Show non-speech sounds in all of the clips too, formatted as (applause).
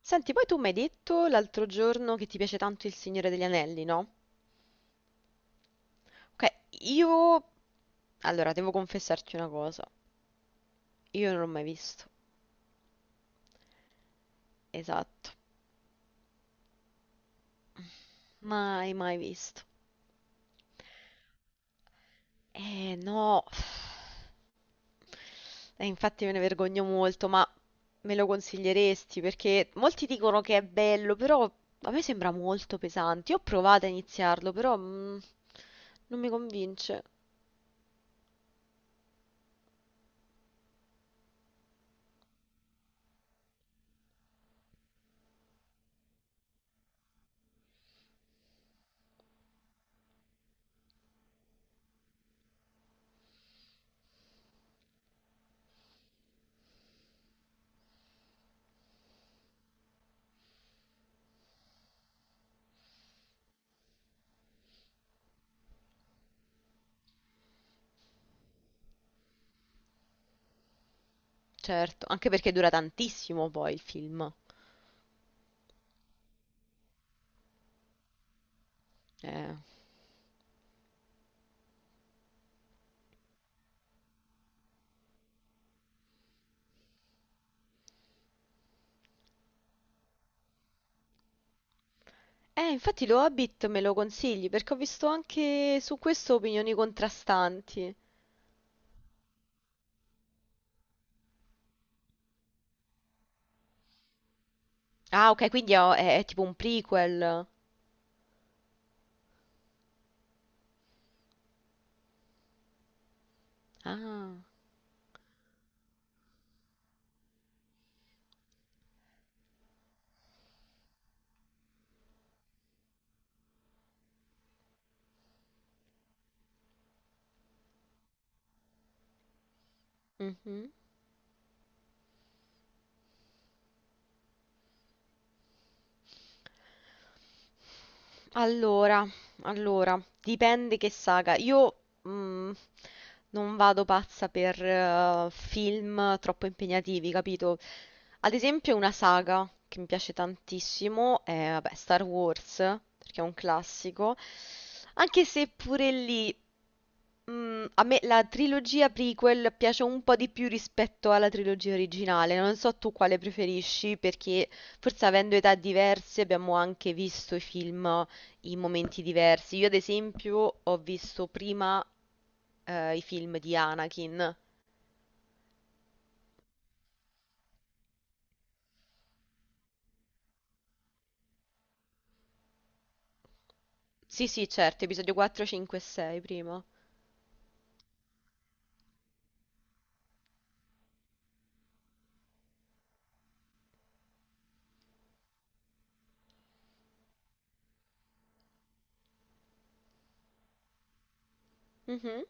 Senti, poi tu mi hai detto l'altro giorno che ti piace tanto Il Signore degli Anelli, no? Ok. io... Allora, devo confessarti una cosa. Io non l'ho mai visto. Esatto. Mai visto. No. Infatti me ne vergogno molto, ma me lo consiglieresti? Perché molti dicono che è bello, però a me sembra molto pesante. Io ho provato a iniziarlo, però non mi convince. Certo, anche perché dura tantissimo poi il film. Eh, infatti lo Hobbit me lo consigli perché ho visto anche su questo opinioni contrastanti. Ah, ok, quindi è tipo un prequel. Ah, mhm. Allora, allora, dipende che saga. Io mm, non vado pazza per film troppo impegnativi, capito? Ad esempio, una saga che mi piace tantissimo è, vabbè, Star Wars, perché è un classico. Anche se pure lì, a me la trilogia prequel piace un po' di più rispetto alla trilogia originale. Non so tu quale preferisci, perché forse avendo età diverse abbiamo anche visto i film in momenti diversi. Io ad esempio ho visto prima i film di Anakin. Sì, sì, certo, episodio 4, 5 e 6 prima. Mhm.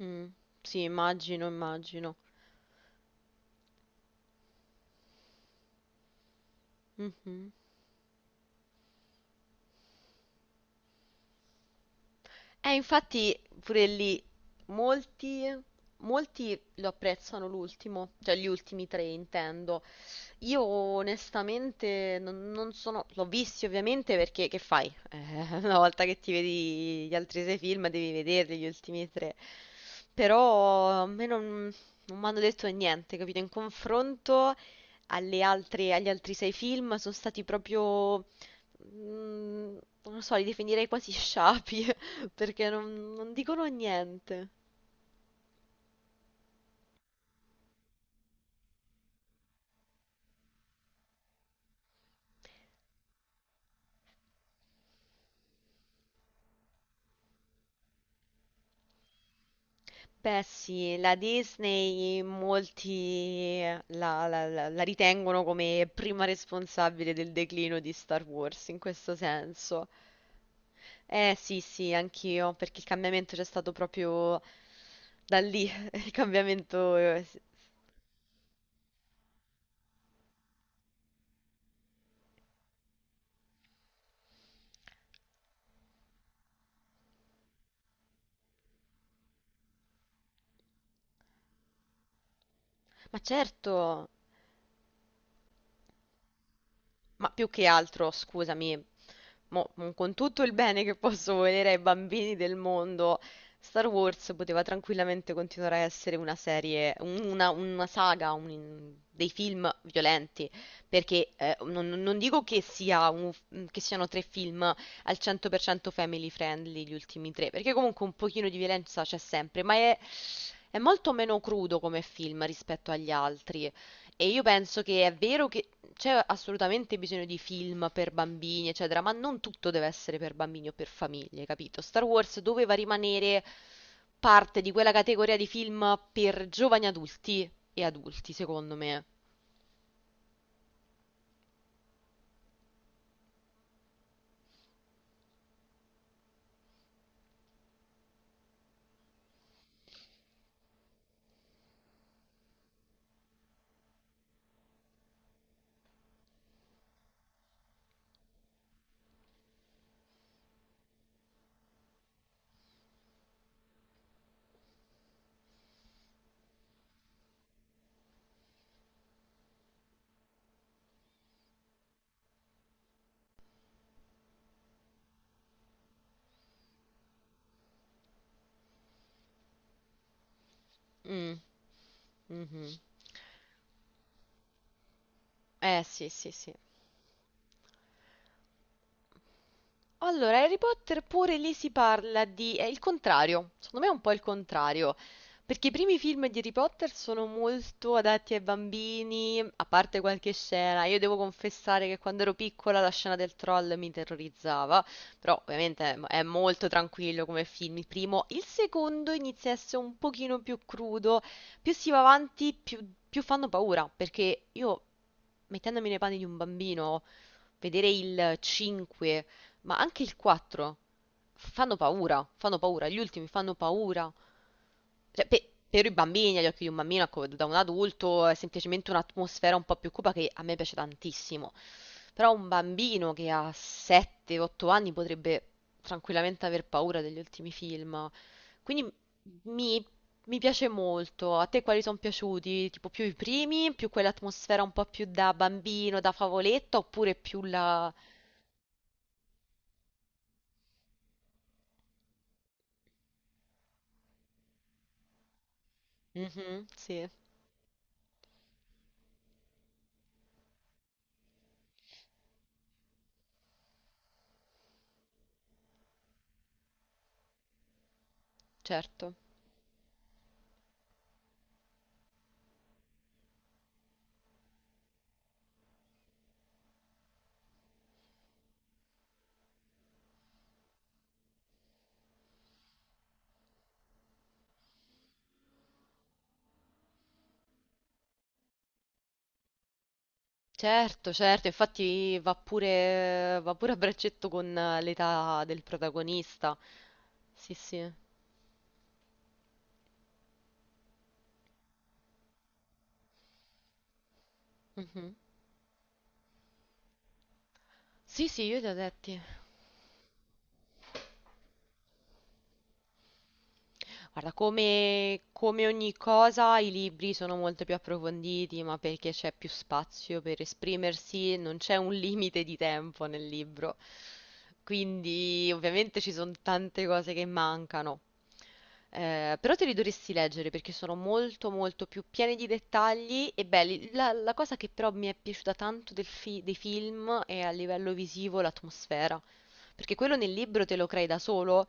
Mm, sì, immagino, immagino. Mhm. Infatti pure lì molti, molti lo apprezzano l'ultimo, cioè gli ultimi tre intendo. Io onestamente non sono, l'ho visti ovviamente perché che fai? (laughs) Una volta che ti vedi gli altri sei film devi vederli gli ultimi tre, però a me non mi hanno detto niente, capito? In confronto alle altre, agli altri sei film sono stati proprio, mm, non lo so, li definirei quasi sciapi (laughs) perché non dicono niente. Beh sì, la Disney molti la ritengono come prima responsabile del declino di Star Wars in questo senso. Eh sì, sì, anch'io, perché il cambiamento c'è stato proprio da lì. (laughs) il cambiamento... eh, s- Ma certo, ma più che altro, scusami, con tutto il bene che posso volere ai bambini del mondo, Star Wars poteva tranquillamente continuare a essere una serie, una saga, dei film violenti, perché non dico che siano tre film al 100% family friendly, gli ultimi tre, perché comunque un pochino di violenza c'è sempre, ma è molto meno crudo come film rispetto agli altri, e io penso che è vero che c'è assolutamente bisogno di film per bambini, eccetera, ma non tutto deve essere per bambini o per famiglie, capito? Star Wars doveva rimanere parte di quella categoria di film per giovani adulti e adulti, secondo me. Mm, mhm. Eh sì, sì, sì. Allora, Harry Potter pure lì si parla di, è il contrario, secondo me è un po' il contrario, perché i primi film di Harry Potter sono molto adatti ai bambini, a parte qualche scena. Io devo confessare che quando ero piccola la scena del troll mi terrorizzava, però ovviamente è molto tranquillo come film il primo. Il secondo inizia a essere un pochino più crudo, più si va avanti più fanno paura, perché io, mettendomi nei panni di un bambino, vedere il 5, ma anche il 4, fanno paura, gli ultimi fanno paura. Cioè, per i bambini, agli occhi di un bambino, ecco, da un adulto è semplicemente un'atmosfera un po' più cupa che a me piace tantissimo. Però un bambino che ha 7-8 anni potrebbe tranquillamente aver paura degli ultimi film. Quindi mi, mi piace molto. A te quali sono piaciuti? Tipo più i primi, più quell'atmosfera un po' più da bambino, da favoletto, oppure più la. Mhm, sì, certo. Certo, certo, infatti va pure a braccetto con l'età del protagonista. Sì, sì. Mhm. Sì, sì, io li ho letti. Guarda, come ogni cosa, i libri sono molto più approfonditi, ma perché c'è più spazio per esprimersi, non c'è un limite di tempo nel libro. Quindi, ovviamente ci sono tante cose che mancano. Però te li dovresti leggere perché sono molto molto più pieni di dettagli e belli. La cosa che però mi è piaciuta tanto dei film è a livello visivo l'atmosfera. Perché quello nel libro te lo crei da solo,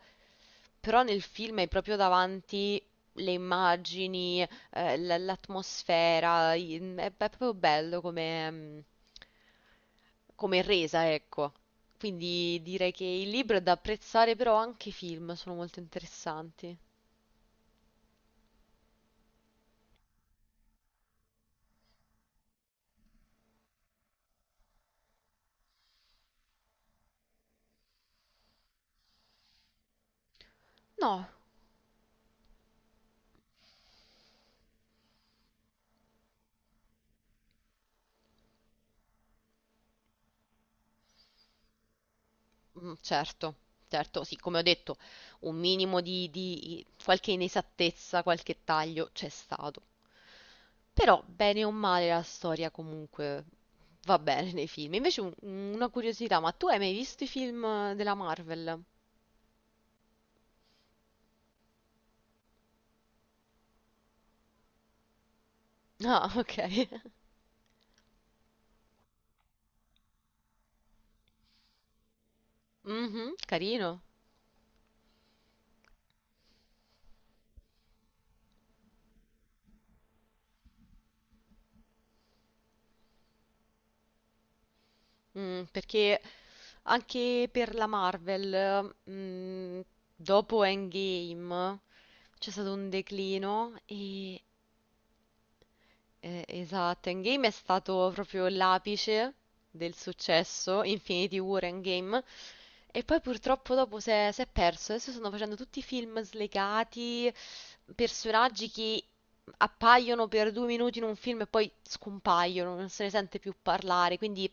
però nel film hai proprio davanti le immagini, l'atmosfera, è proprio bello come resa, ecco. Quindi direi che il libro è da apprezzare, però anche i film sono molto interessanti. No, certo, certo, sì, come ho detto, un minimo di qualche inesattezza, qualche taglio c'è stato. Però, bene o male, la storia comunque va bene nei film. Invece una curiosità, ma tu hai mai visto i film della Marvel? Ah, ok. (laughs) Mhm, carino. Perché anche per la Marvel, dopo Endgame c'è stato un declino. E esatto, Endgame è stato proprio l'apice del successo, Infinity War Endgame, e poi purtroppo dopo si è perso. Adesso stanno facendo tutti film slegati, personaggi che appaiono per due minuti in un film e poi scompaiono, non se ne sente più parlare, quindi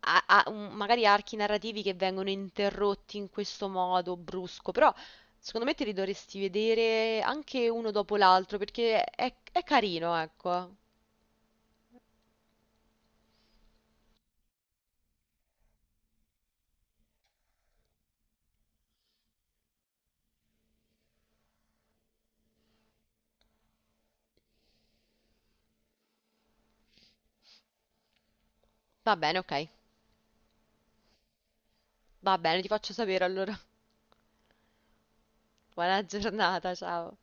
magari archi narrativi che vengono interrotti in questo modo brusco, però. Secondo me te li dovresti vedere anche uno dopo l'altro perché è carino, ecco. Va bene, ok. Va bene, ti faccio sapere allora. (laughs) Buona giornata, ciao.